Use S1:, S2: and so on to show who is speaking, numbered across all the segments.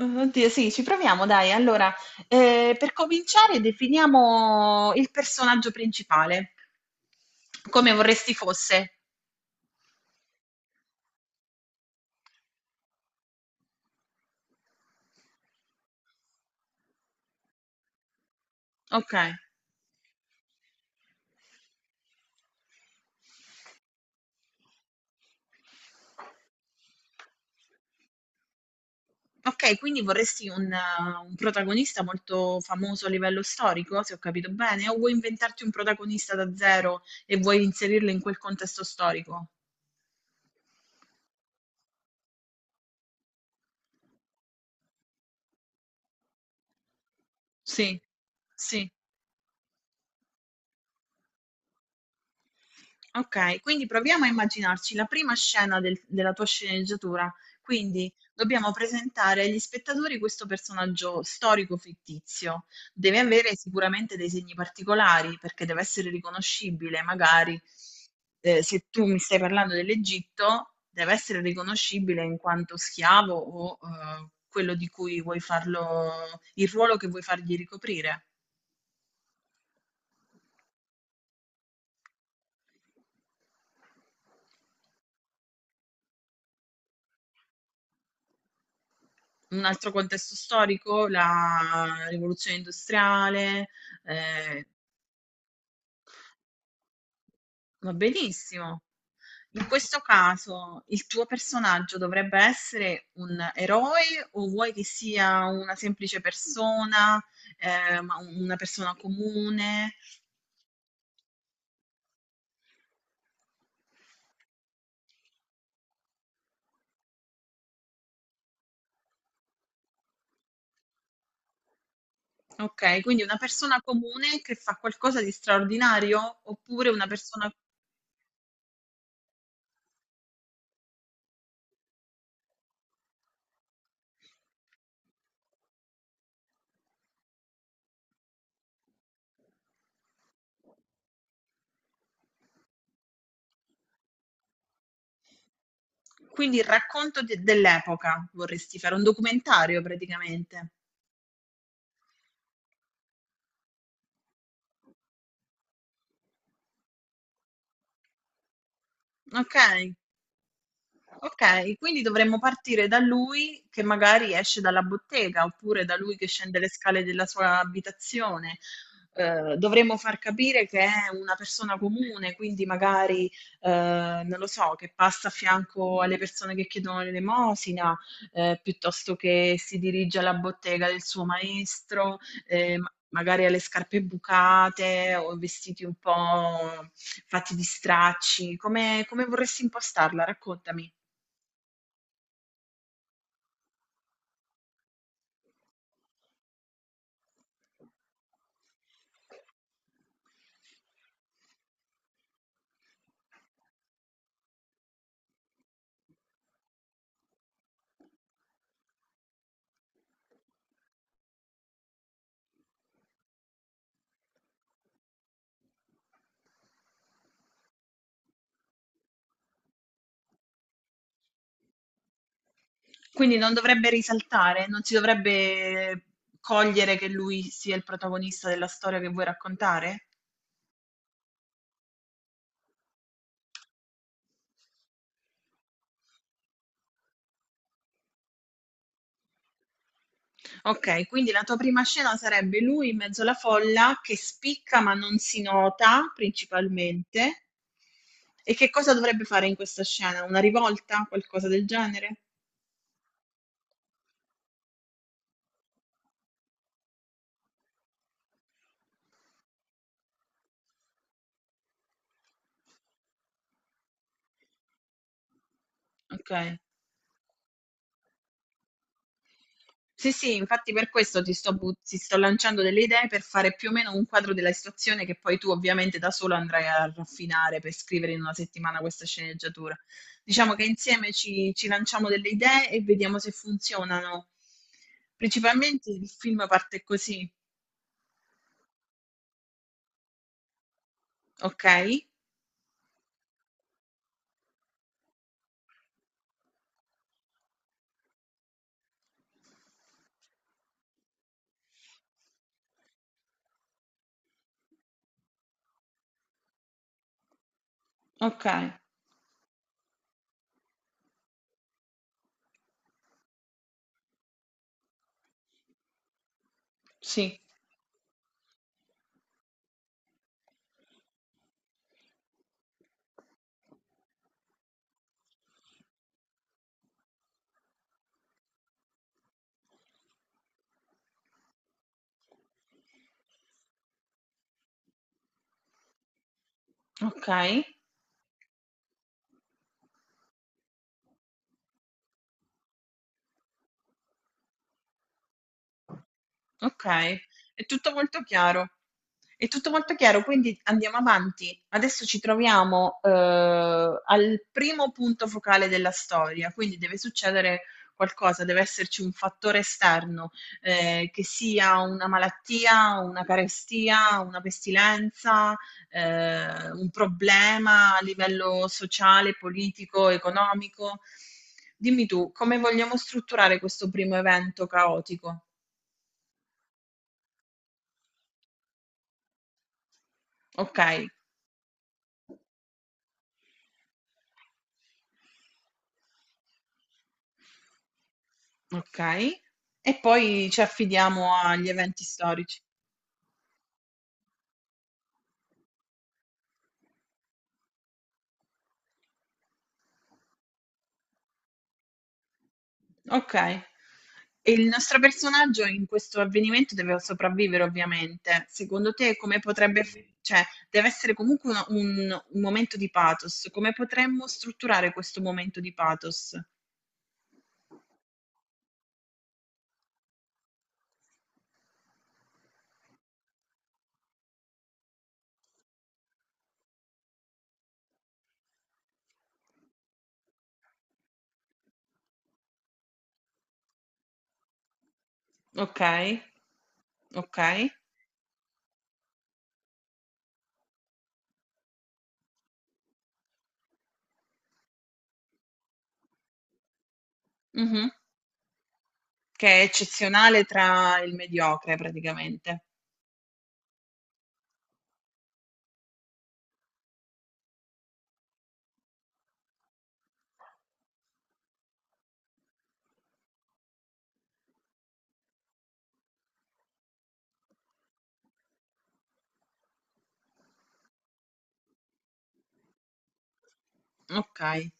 S1: Oddio, sì, ci proviamo, dai. Allora, per cominciare, definiamo il personaggio principale, come vorresti fosse. Ok, ok, quindi vorresti un un protagonista molto famoso a livello storico, se ho capito bene, o vuoi inventarti un protagonista da zero e vuoi inserirlo in quel contesto storico? Sì, sì. Okay, quindi proviamo a immaginarci la prima scena della tua sceneggiatura. Quindi dobbiamo presentare agli spettatori questo personaggio storico-fittizio. Deve avere sicuramente dei segni particolari, perché deve essere riconoscibile, magari, se tu mi stai parlando dell'Egitto, deve essere riconoscibile in quanto schiavo o, quello di cui vuoi farlo il ruolo che vuoi fargli ricoprire. Un altro contesto storico, la rivoluzione industriale, eh, va benissimo. In questo caso il tuo personaggio dovrebbe essere un eroe o vuoi che sia una semplice persona, ma una persona comune? Ok, quindi una persona comune che fa qualcosa di straordinario oppure una persona... Quindi il racconto dell'epoca vorresti fare, un documentario praticamente. Ok. Ok, quindi dovremmo partire da lui che magari esce dalla bottega oppure da lui che scende le scale della sua abitazione. Dovremmo far capire che è una persona comune, quindi magari, non lo so, che passa a fianco alle persone che chiedono l'elemosina, piuttosto che si dirige alla bottega del suo maestro, magari alle scarpe bucate o vestiti un po' fatti di stracci. Come, come vorresti impostarla? Raccontami. Quindi non dovrebbe risaltare, non si dovrebbe cogliere che lui sia il protagonista della storia che vuoi raccontare? Ok, quindi la tua prima scena sarebbe lui in mezzo alla folla che spicca ma non si nota principalmente. E che cosa dovrebbe fare in questa scena? Una rivolta? Qualcosa del genere? Ok. Sì, sì, infatti per questo ti sto, ti sto lanciando delle idee per fare più o meno un quadro della situazione che poi tu ovviamente da solo andrai a raffinare per scrivere in una settimana questa sceneggiatura. Diciamo che insieme ci lanciamo delle idee e vediamo se funzionano. Principalmente il film parte così, ok? Ok, sì, ok. Ok, è tutto molto chiaro. È tutto molto chiaro, quindi andiamo avanti. Adesso ci troviamo al primo punto focale della storia, quindi deve succedere qualcosa, deve esserci un fattore esterno, che sia una malattia, una carestia, una pestilenza, un problema a livello sociale, politico, economico. Dimmi tu, come vogliamo strutturare questo primo evento caotico? Ok, okay. E poi ci affidiamo agli eventi storici. Okay. E il nostro personaggio in questo avvenimento deve sopravvivere ovviamente. Secondo te come potrebbe f cioè deve essere comunque una un momento di pathos. Come potremmo strutturare questo momento di pathos? Okay, okay. Mh-mh. Che è eccezionale tra il mediocre praticamente. Okay.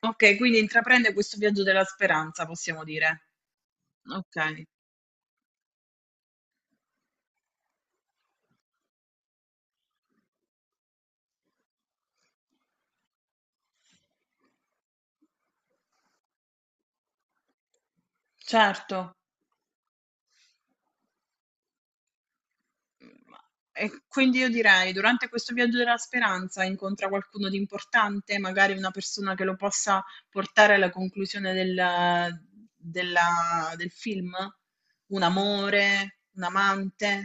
S1: Okay, quindi intraprende questo viaggio della speranza, possiamo dire. Okay. Certo. Mhmm, e quindi io direi: durante questo viaggio della speranza incontra qualcuno di importante, magari una persona che lo possa portare alla conclusione del film? Un amore, un amante?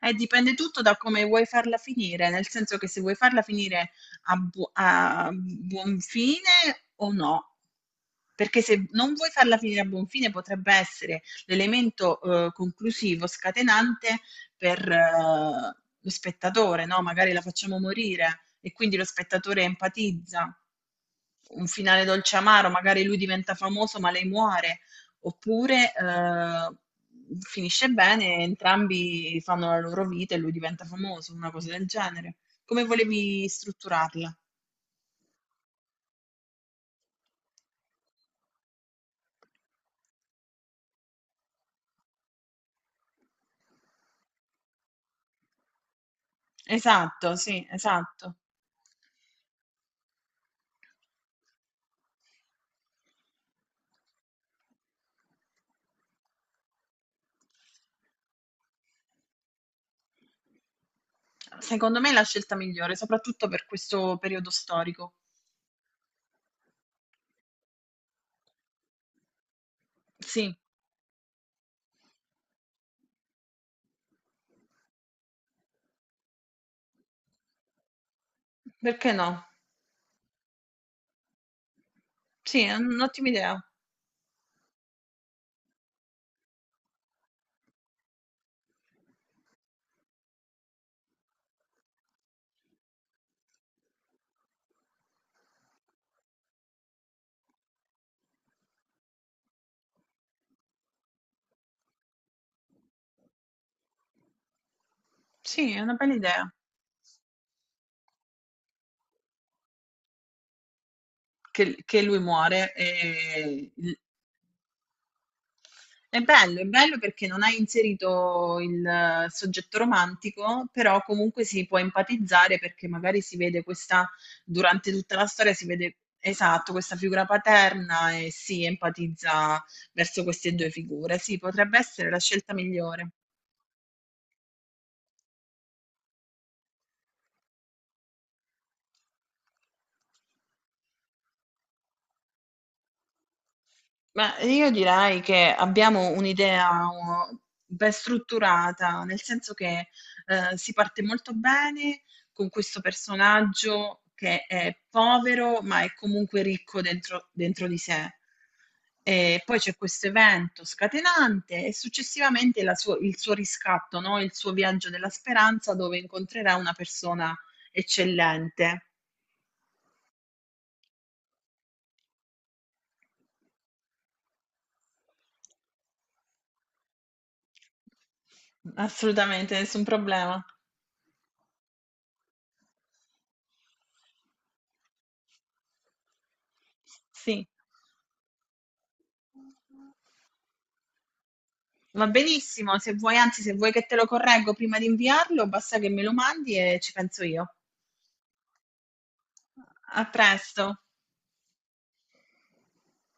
S1: Dipende tutto da come vuoi farla finire, nel senso che se vuoi farla finire a buon fine o no. Perché se non vuoi farla finire a buon fine potrebbe essere l'elemento conclusivo, scatenante per lo spettatore, no? Magari la facciamo morire e quindi lo spettatore empatizza. Un finale dolce amaro, magari lui diventa famoso ma lei muore. Oppure, finisce bene, entrambi fanno la loro vita e lui diventa famoso, una cosa del genere. Come volevi strutturarla? Esatto, sì, esatto. Secondo me è la scelta migliore, soprattutto per questo periodo storico. Sì, perché no? Sì, è un'ottima idea. Sì, è una bella idea. Che lui muore e il- è bello perché non hai inserito il soggetto romantico, però comunque si può empatizzare perché magari si vede questa, durante tutta la storia si vede esatto questa figura paterna e si empatizza verso queste due figure. Sì, potrebbe essere la scelta migliore. Ma io direi che abbiamo un'idea uh, ben strutturata, nel senso che si parte molto bene con questo personaggio che è povero ma è comunque ricco dentro, dentro di sé. E poi c'è questo evento scatenante e successivamente il suo riscatto, no? Il suo viaggio della speranza dove incontrerà una persona eccellente. Assolutamente, nessun problema. Sì. Va benissimo, se vuoi, anzi, se vuoi che te lo correggo prima di inviarlo, basta che me lo mandi e ci penso io. A presto.